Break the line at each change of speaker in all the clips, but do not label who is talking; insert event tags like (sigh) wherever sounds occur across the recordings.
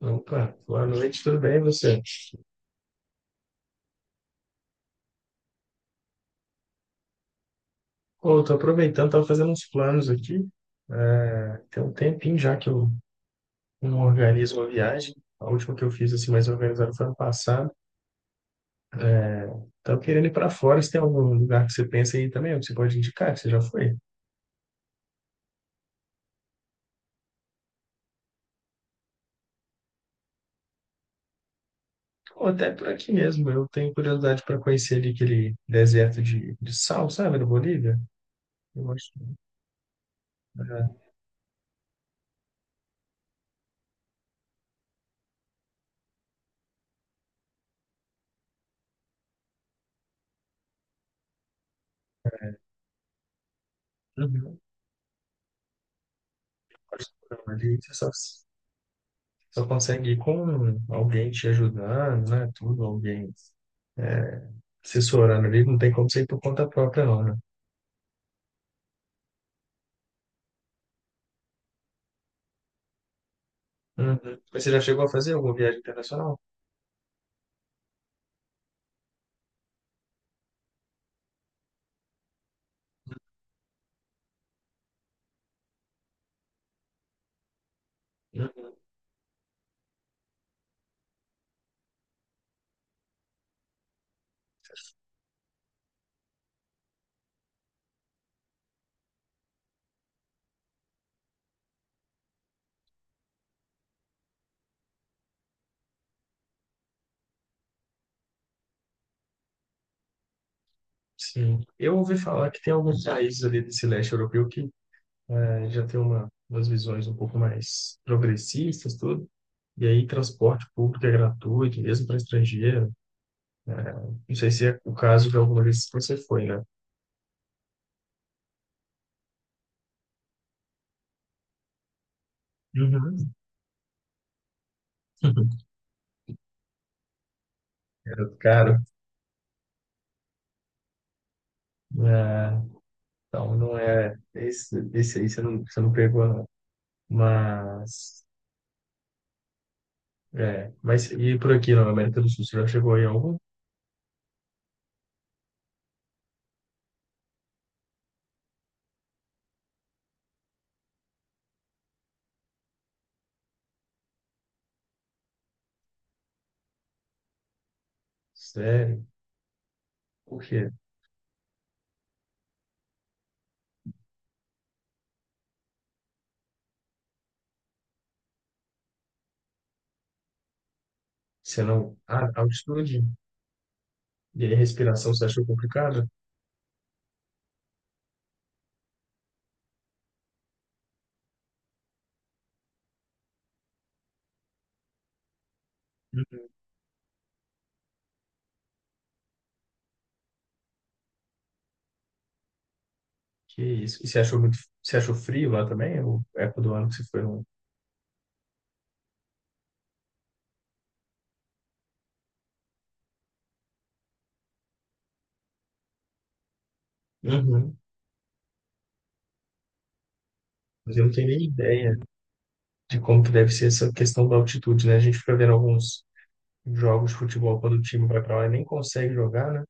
Opa, boa noite, tudo bem e você? Pô, tô aproveitando, tava fazendo uns planos aqui. É, tem um tempinho já que eu não organizo uma viagem. A última que eu fiz assim mais organizada foi ano passado. Tava querendo ir para fora. Se tem algum lugar que você pensa aí também, que você pode indicar, que você já foi? Ou até por aqui mesmo. Eu tenho curiosidade para conhecer ali aquele deserto de sal, sabe, da Bolívia. Eu acho. Uhum. Acho que não. Ali você só consegue ir com alguém te ajudando, né? Tudo, alguém. Assessorando ali, não tem como ser por conta própria, não, né? Uhum. Mas você já chegou a fazer alguma viagem internacional? Uhum. Sim. Eu ouvi falar que tem alguns países ali desse leste europeu que já tem umas visões um pouco mais progressistas, tudo. E aí, transporte público é gratuito, mesmo para estrangeiro. Não sei se é o caso de alguma vez que você foi, né? Uhum. (laughs) Era caro. É, então, não é. Esse aí você não pegou, não. Mas. É, mas e por aqui na América do Sul, você já chegou aí a algum? Sério? Por quê? Você não. Ah, altitude? E aí, respiração, você achou complicado? Uhum. Que isso? E você achou muito. Você achou frio lá também? Ou é época do ano que você foi no. Uhum. Mas eu não tenho nem ideia de como que deve ser essa questão da altitude, né? A gente fica vendo alguns jogos de futebol quando o time vai pra lá e nem consegue jogar, né?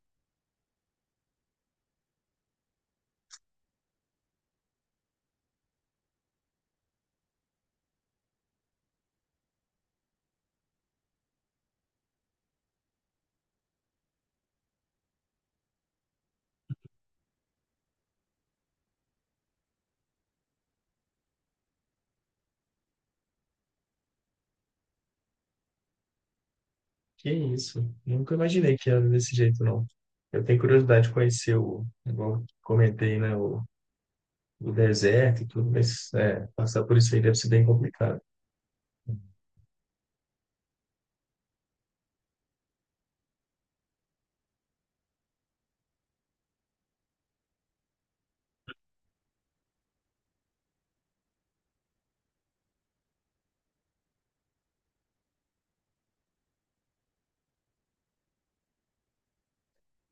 Que isso? Nunca imaginei que era desse jeito, não. Eu tenho curiosidade de conhecer o, igual eu comentei, né? O deserto e tudo, mas é, passar por isso aí deve ser bem complicado.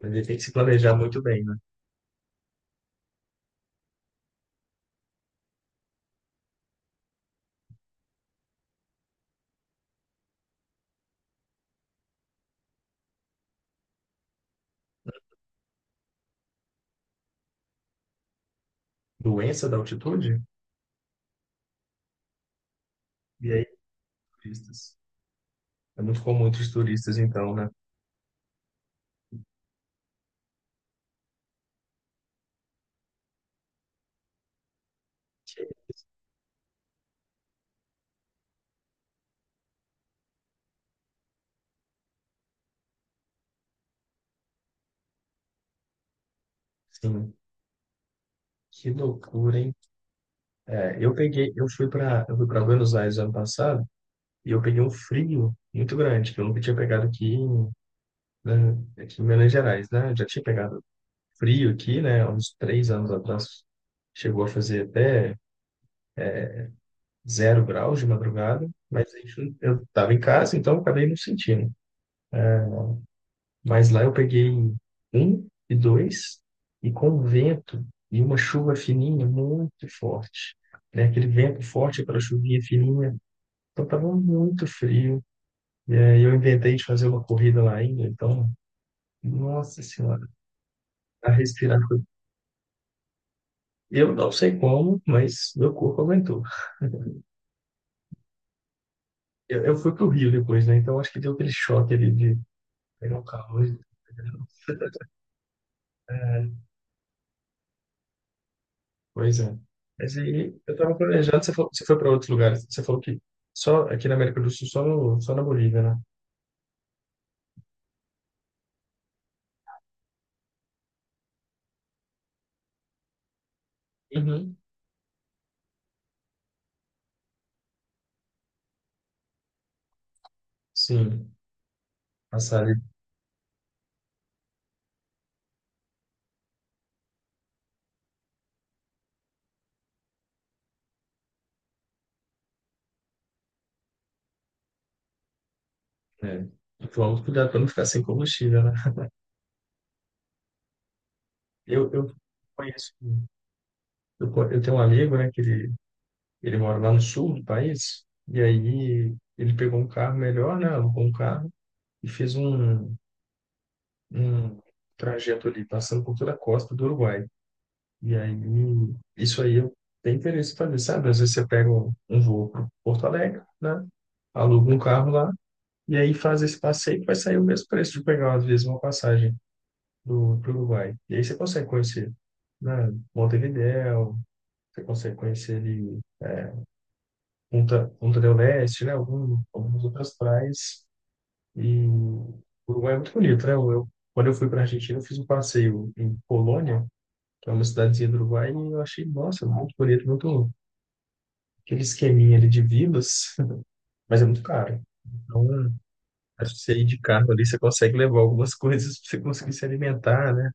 Mas ele tem que se planejar muito bem, né? Doença da altitude? E aí, turistas? É muito comum entre os turistas, então, né? Que- Sim, que loucura, hein? É, eu peguei, eu fui para Buenos Aires ano passado e eu peguei um frio muito grande, que eu nunca tinha pegado aqui, né, aqui em Minas Gerais, né? Eu já tinha pegado frio aqui, né? Uns 3 anos atrás. Chegou a fazer até 0 graus de madrugada, mas a gente, não- eu estava em casa, então eu acabei não sentindo. Mas lá eu peguei um e dois, e com vento e uma chuva fininha muito forte, né? Aquele vento forte para chuvinha fininha, então estava muito frio. E aí eu inventei de fazer uma corrida lá ainda, então, nossa senhora, a respirar foi. Eu não sei como, mas meu corpo aguentou. Eu fui pro Rio depois, né? Então acho que deu aquele choque ali de pegar o carro. Né? Pois é. Mas aí eu tava planejando, você falou, você foi para outros lugares. Você falou que só aqui na América do Sul, só no, só na Bolívia, né? Uhum. Sim, passar ali, né? E vamos cuidar para não ficar sem combustível, né? Eu conheço, eu tenho um amigo, né, que ele mora lá no sul do país, e aí ele pegou um carro melhor, né, alugou um carro e fez um trajeto ali, passando por toda a costa do Uruguai. E aí, isso aí eu tenho interesse em fazer, sabe? Às vezes você pega um voo para Porto Alegre, né? Aluga um carro lá e aí faz esse passeio que vai sair o mesmo preço de pegar, às vezes, uma passagem do pro Uruguai. E aí você consegue conhecer, né? Montevidéu, você consegue conhecer ali Punta del Este, né? Algumas outras praias. E o Uruguai é muito bonito, né? Quando eu fui para a Argentina, eu fiz um passeio em Colônia, que é uma cidadezinha do Uruguai, e eu achei, nossa, muito bonito, muito aquele esqueminha ali de vilas, (laughs) mas é muito caro. Então, acho que você ir de carro ali, você consegue levar algumas (laughs) coisas para você conseguir se alimentar, né?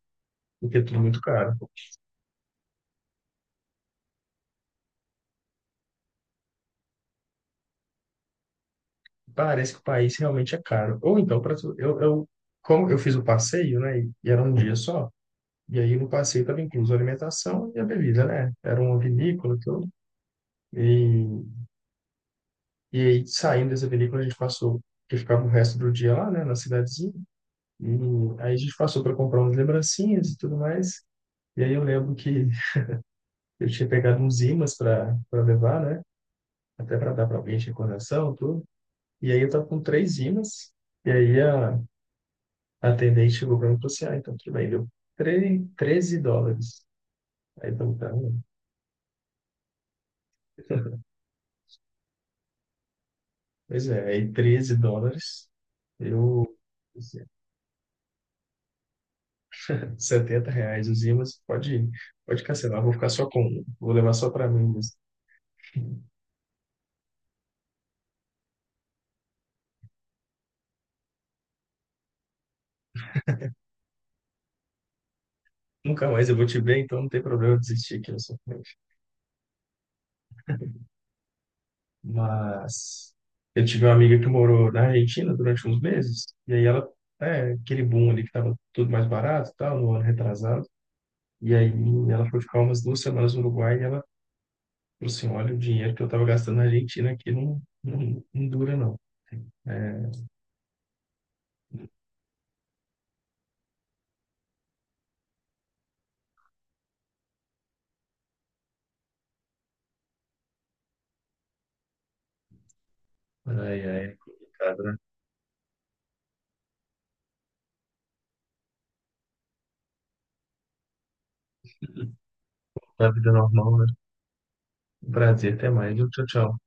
Porque é tudo muito caro. Parece que o país realmente é caro. Ou então, eu, como eu fiz o passeio, né? E era um dia só, e aí no passeio estava incluso a alimentação e a bebida, né? Era uma vinícola e tudo. E, e aí, saindo dessa vinícola, a gente passou, que ficava o resto do dia lá, né? Na cidadezinha. E aí a gente passou para comprar umas lembrancinhas e tudo mais. E aí eu lembro que eu tinha pegado uns ímãs para levar, né? Até para dar para alguém de recordação, tudo. E aí eu tava com três ímãs. E aí a atendente chegou para mim e falou assim: ah, então tudo bem, deu US$ 13. Aí eu falei, tá, pois é, aí US$ 13, eu. R$ 70 os ímãs, pode cancelar, vou ficar só com um, vou levar só para mim mesmo. Nunca mais eu vou te ver, então não tem problema eu desistir aqui. Eu sou. Mas eu tive uma amiga que morou na Argentina durante uns meses, e aí ela, é, aquele boom ali que estava tudo mais barato e tal, no ano retrasado, e aí ela foi ficar umas 2 semanas no Uruguai e ela falou assim: olha, o dinheiro que eu estava gastando na Argentina aqui não, não, não dura, não. É, ai, ai, é complicado, né? (laughs) Na vida normal, né? Um prazer, até mais, viu? Tchau, tchau.